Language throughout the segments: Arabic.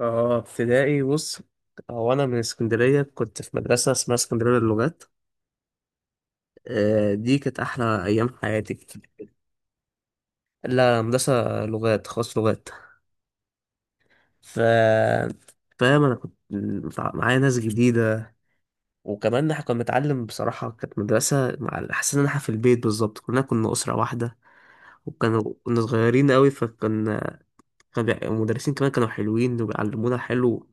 اه، ابتدائي، بص. هو انا من اسكندريه، كنت في مدرسه اسمها اسكندريه للغات. آه، دي كانت احلى ايام حياتي. لا، مدرسه لغات، خاص، لغات. ف فاهم انا كنت معايا ناس جديده. وكمان احنا كنا بنتعلم، بصراحه كانت مدرسه، مع حسيت ان احنا في البيت بالظبط، كلنا كنا اسره واحده. وكانوا كنا صغيرين قوي، المدرسين كمان كانوا حلوين وبيعلمونا حلو.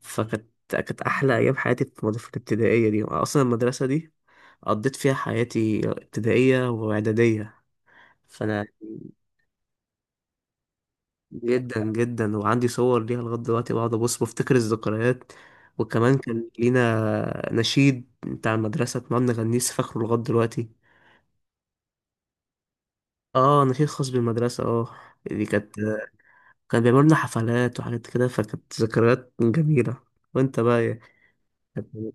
فكانت احلى ايام حياتي في في الابتدائيه دي، اصلا المدرسه دي قضيت فيها حياتي ابتدائية وإعدادية. فأنا جدا جدا، وعندي صور ليها لغاية دلوقتي، بقعد أبص بفتكر الذكريات. وكمان كان لينا نشيد بتاع المدرسة كنا بنغنيه، لسه فاكره لغاية دلوقتي. اه، نشيد خاص بالمدرسة. اه، دي كانت كان بيعملوا لنا حفلات وحاجات كده، فكانت ذكريات جميلة. وانت بقى إيه؟ كانت-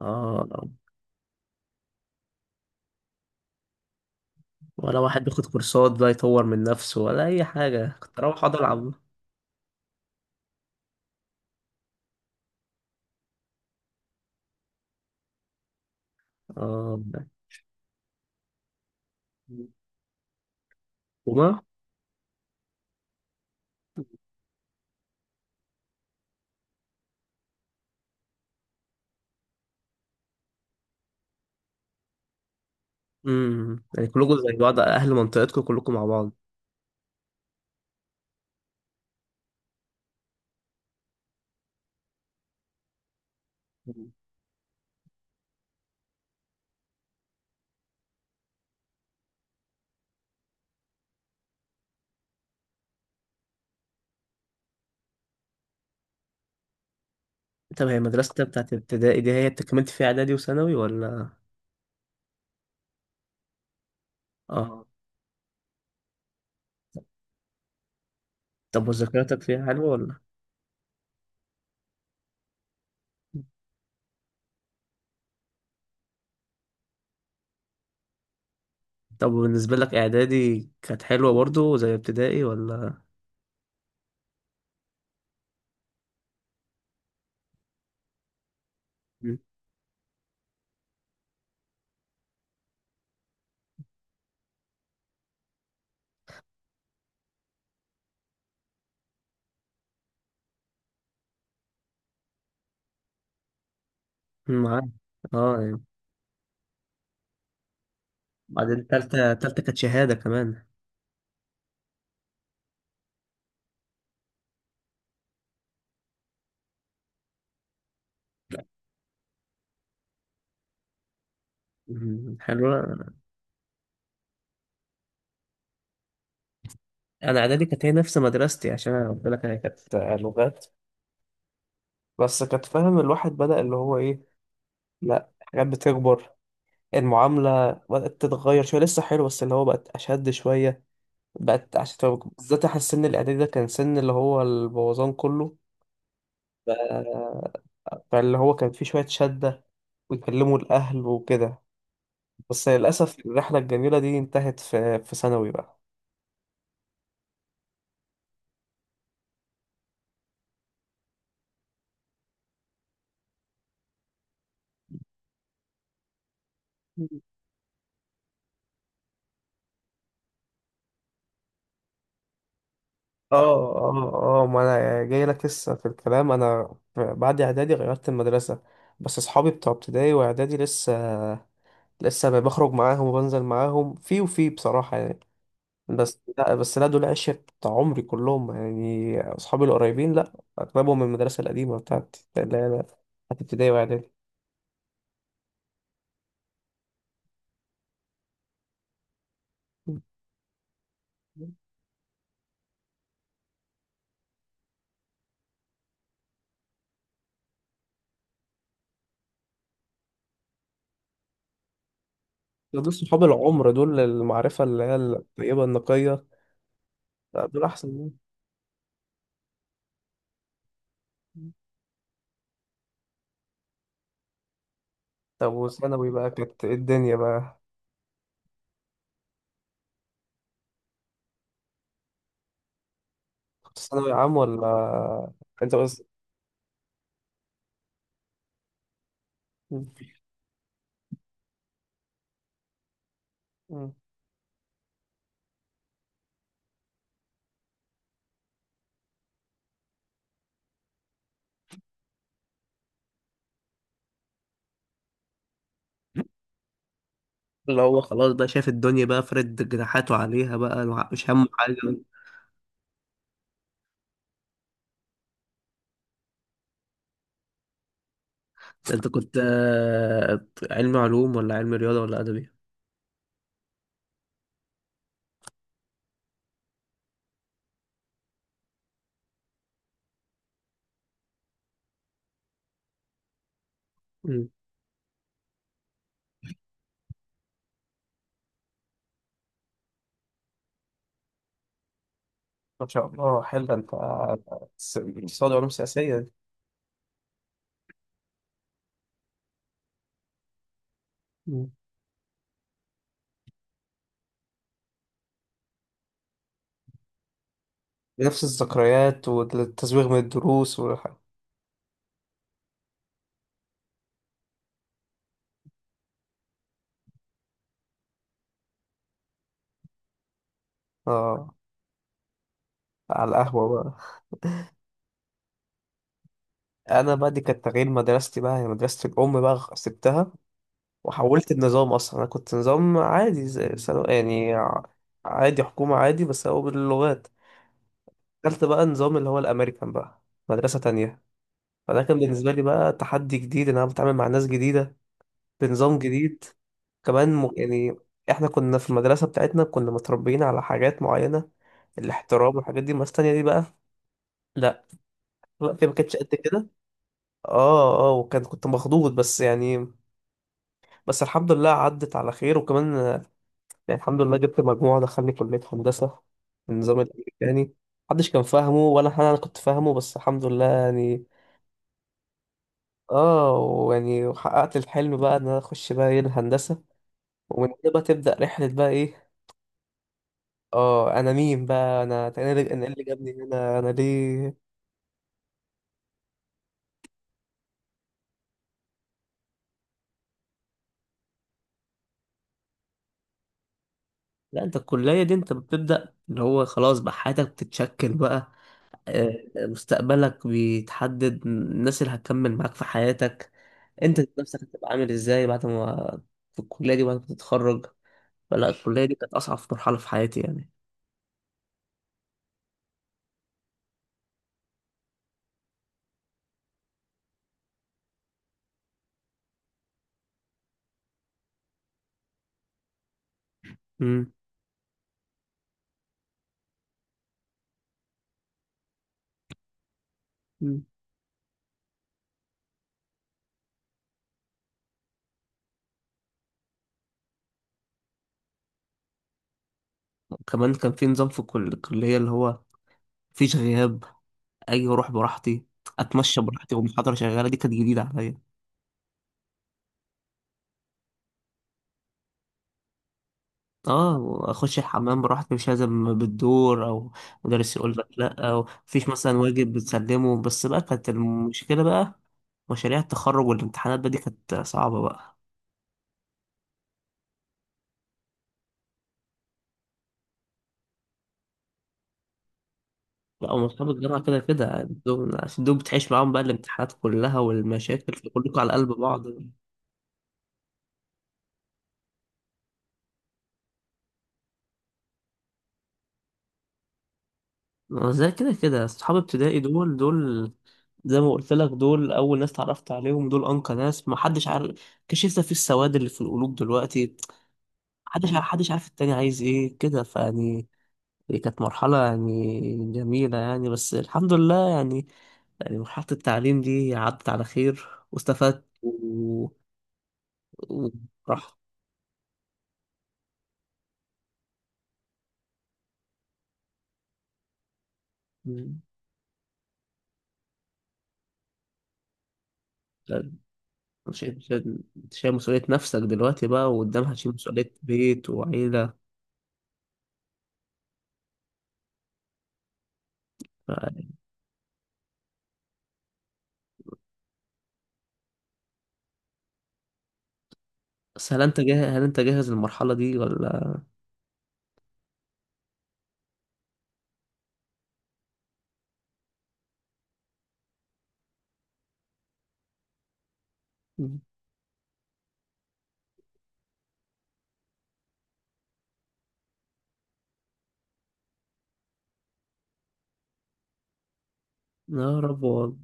اه، ولا واحد بياخد كورسات بقى يطور من نفسه، ولا أي حاجة. كنت أروح أقعد ألعب. اه، وما؟ يعني كلكم زي بعض، اهل منطقتكم كلكم مع بعض. مم. طب هي مدرستك بتاعت ابتدائي دي هي كملت فيها اعدادي وثانوي، ولا؟ اه، طب وذاكرتك فيها حلوه، ولا؟ طب بالنسبه لك اعدادي كانت حلوه برضو زي ابتدائي، ولا؟ مم. معاك. اه، يعني. بعدين تالتة، تالتة كانت شهاده كمان. مم. حلوه. انا اعدادي كانت هي نفس مدرستي، عشان انا قلت لك انا كانت لغات. بس كانت، فاهم، الواحد بدأ اللي هو ايه، لا حاجات بتكبر. المعاملة بدأت تتغير شوية، لسه حلو، بس اللي هو بقت أشد شوية، بقت عشان بالذات أحس السن الإعدادي ده كان سن اللي هو البوظان كله. ف- فاللي هو كان فيه شوية شدة، ويكلموا الأهل وكده. بس للأسف الرحلة الجميلة دي انتهت في ثانوي بقى. اه، اه، اه، ما انا جاي لك لسه في الكلام. انا بعد اعدادي غيرت المدرسه، بس اصحابي بتوع ابتدائي واعدادي لسه بخرج معاهم وبنزل معاهم، في وفي بصراحه يعني. بس لا دول عشرة بتاع عمري كلهم يعني. أصحابي القريبين، لا، أغلبهم من المدرسة القديمة، بتاعت اللي هي بتاعت ابتدائي وإعدادي. دول صحاب العمر، دول المعرفة اللي هي الطيبة النقية. لا، دول أحسن مني. طب وثانوي بقى كانت إيه الدنيا بقى؟ كنت ثانوي عام، ولا؟ أنت بس. مم. اللي هو خلاص بقى شايف الدنيا، بقى فرد جناحاته عليها بقى، مش همه حاجة ده. انت كنت، علمي علوم ولا علمي رياضة ولا أدبي؟ ما شاء الله، حلو ده. انت اقتصاد وعلوم سياسية دي. مم. نفس الذكريات، والتزويغ من الدروس اه، على القهوة بقى. أنا بقى دي كانت تغيير مدرستي بقى يعني، مدرسة الأم بقى، سبتها. وحولت النظام. أصلا أنا كنت نظام عادي زي يعني عادي، حكومة، عادي، بس هو باللغات. دخلت بقى نظام اللي هو الأمريكان بقى، مدرسة تانية. فده كان بالنسبة لي بقى تحدي جديد، إن أنا بتعامل مع ناس جديدة بنظام جديد. كمان يعني احنا كنا في المدرسة بتاعتنا كنا متربيين على حاجات معينة، الاحترام والحاجات دي. الناس التانية دي بقى لا، الوقت ما كانتش قد كده. اه، اه، كنت مخضوض بس يعني. بس الحمد لله عدت على خير، وكمان يعني الحمد لله جبت مجموعة دخلني كلية هندسة. النظام الأمريكاني محدش كان فاهمه، ولا أنا كنت فاهمه، بس الحمد لله يعني. اه، ويعني وحققت الحلم بقى ان انا اخش بقى ايه الهندسة. ومن هنا بقى تبدأ رحلة بقى ايه. اه، انا مين بقى، انا اللي جابني هنا، انا ليه؟ لا، انت الكلية دي انت بتبدأ، اللي هو خلاص بقى حياتك بتتشكل بقى. مستقبلك بيتحدد، الناس اللي هتكمل معاك في حياتك، انت نفسك هتبقى عامل ازاي بعد ما، في الكلية دي بعد ما تتخرج. فلا الكلية دي كانت أصعب مرحلة في حياتي يعني. امم مم. كمان كان في نظام في الكلية، اللي هو مفيش غياب، أجي أروح براحتي، أتمشى براحتي والمحاضرة شغالة، دي كانت جديدة عليا. اه، واخش الحمام براحتي، مش لازم بالدور، او مدرس يقول لك لا، او مفيش مثلا واجب بتسلمه. بس بقى كانت المشكله بقى مشاريع التخرج والامتحانات بقى، دي كانت صعبه بقى. لا، ومصحاب الجامعه كده كده يعني دول، عشان دول بتعيش معاهم بقى الامتحانات كلها والمشاكل، فكلكم على قلب بعض. زي كده كده اصحاب ابتدائي دول، دول زي ما قلت لك، دول اول ناس اتعرفت عليهم، دول انقى ناس، ما حدش عارف. كشفنا في السواد اللي في القلوب دلوقتي. محدش، محدش عارف التاني عايز ايه كده، فيعني دي كانت مرحلة يعني جميلة يعني، بس الحمد لله يعني. يعني مرحلة التعليم دي عدت على خير واستفدت و... وراح. انت شايل، أنت شايل مسؤولية نفسك دلوقتي بقى، وقدامها تشيل مسؤولية بيت وعيلة. ف- بس هل انت جاهز، هل انت جاهز للمرحلة دي، ولا؟ مم. يا رب والله.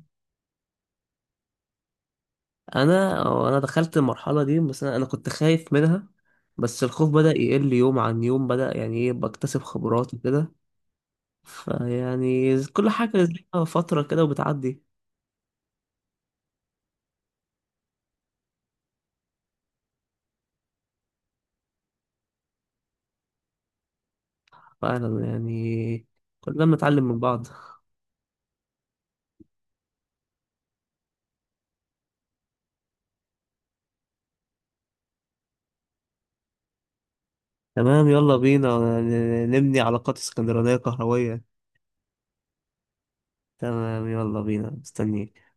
انا، انا دخلت المرحله دي، بس انا، كنت خايف منها. بس الخوف بدا يقل يوم عن يوم، بدا يعني ايه بكتسب خبرات وكده. فيعني كل حاجه ليها فتره كده وبتعدي. فعلا يعني كلنا بنتعلم من بعض. تمام، يلا بينا نبني علاقات اسكندرانيه كهرويه. تمام، يلا بينا، مستنيك.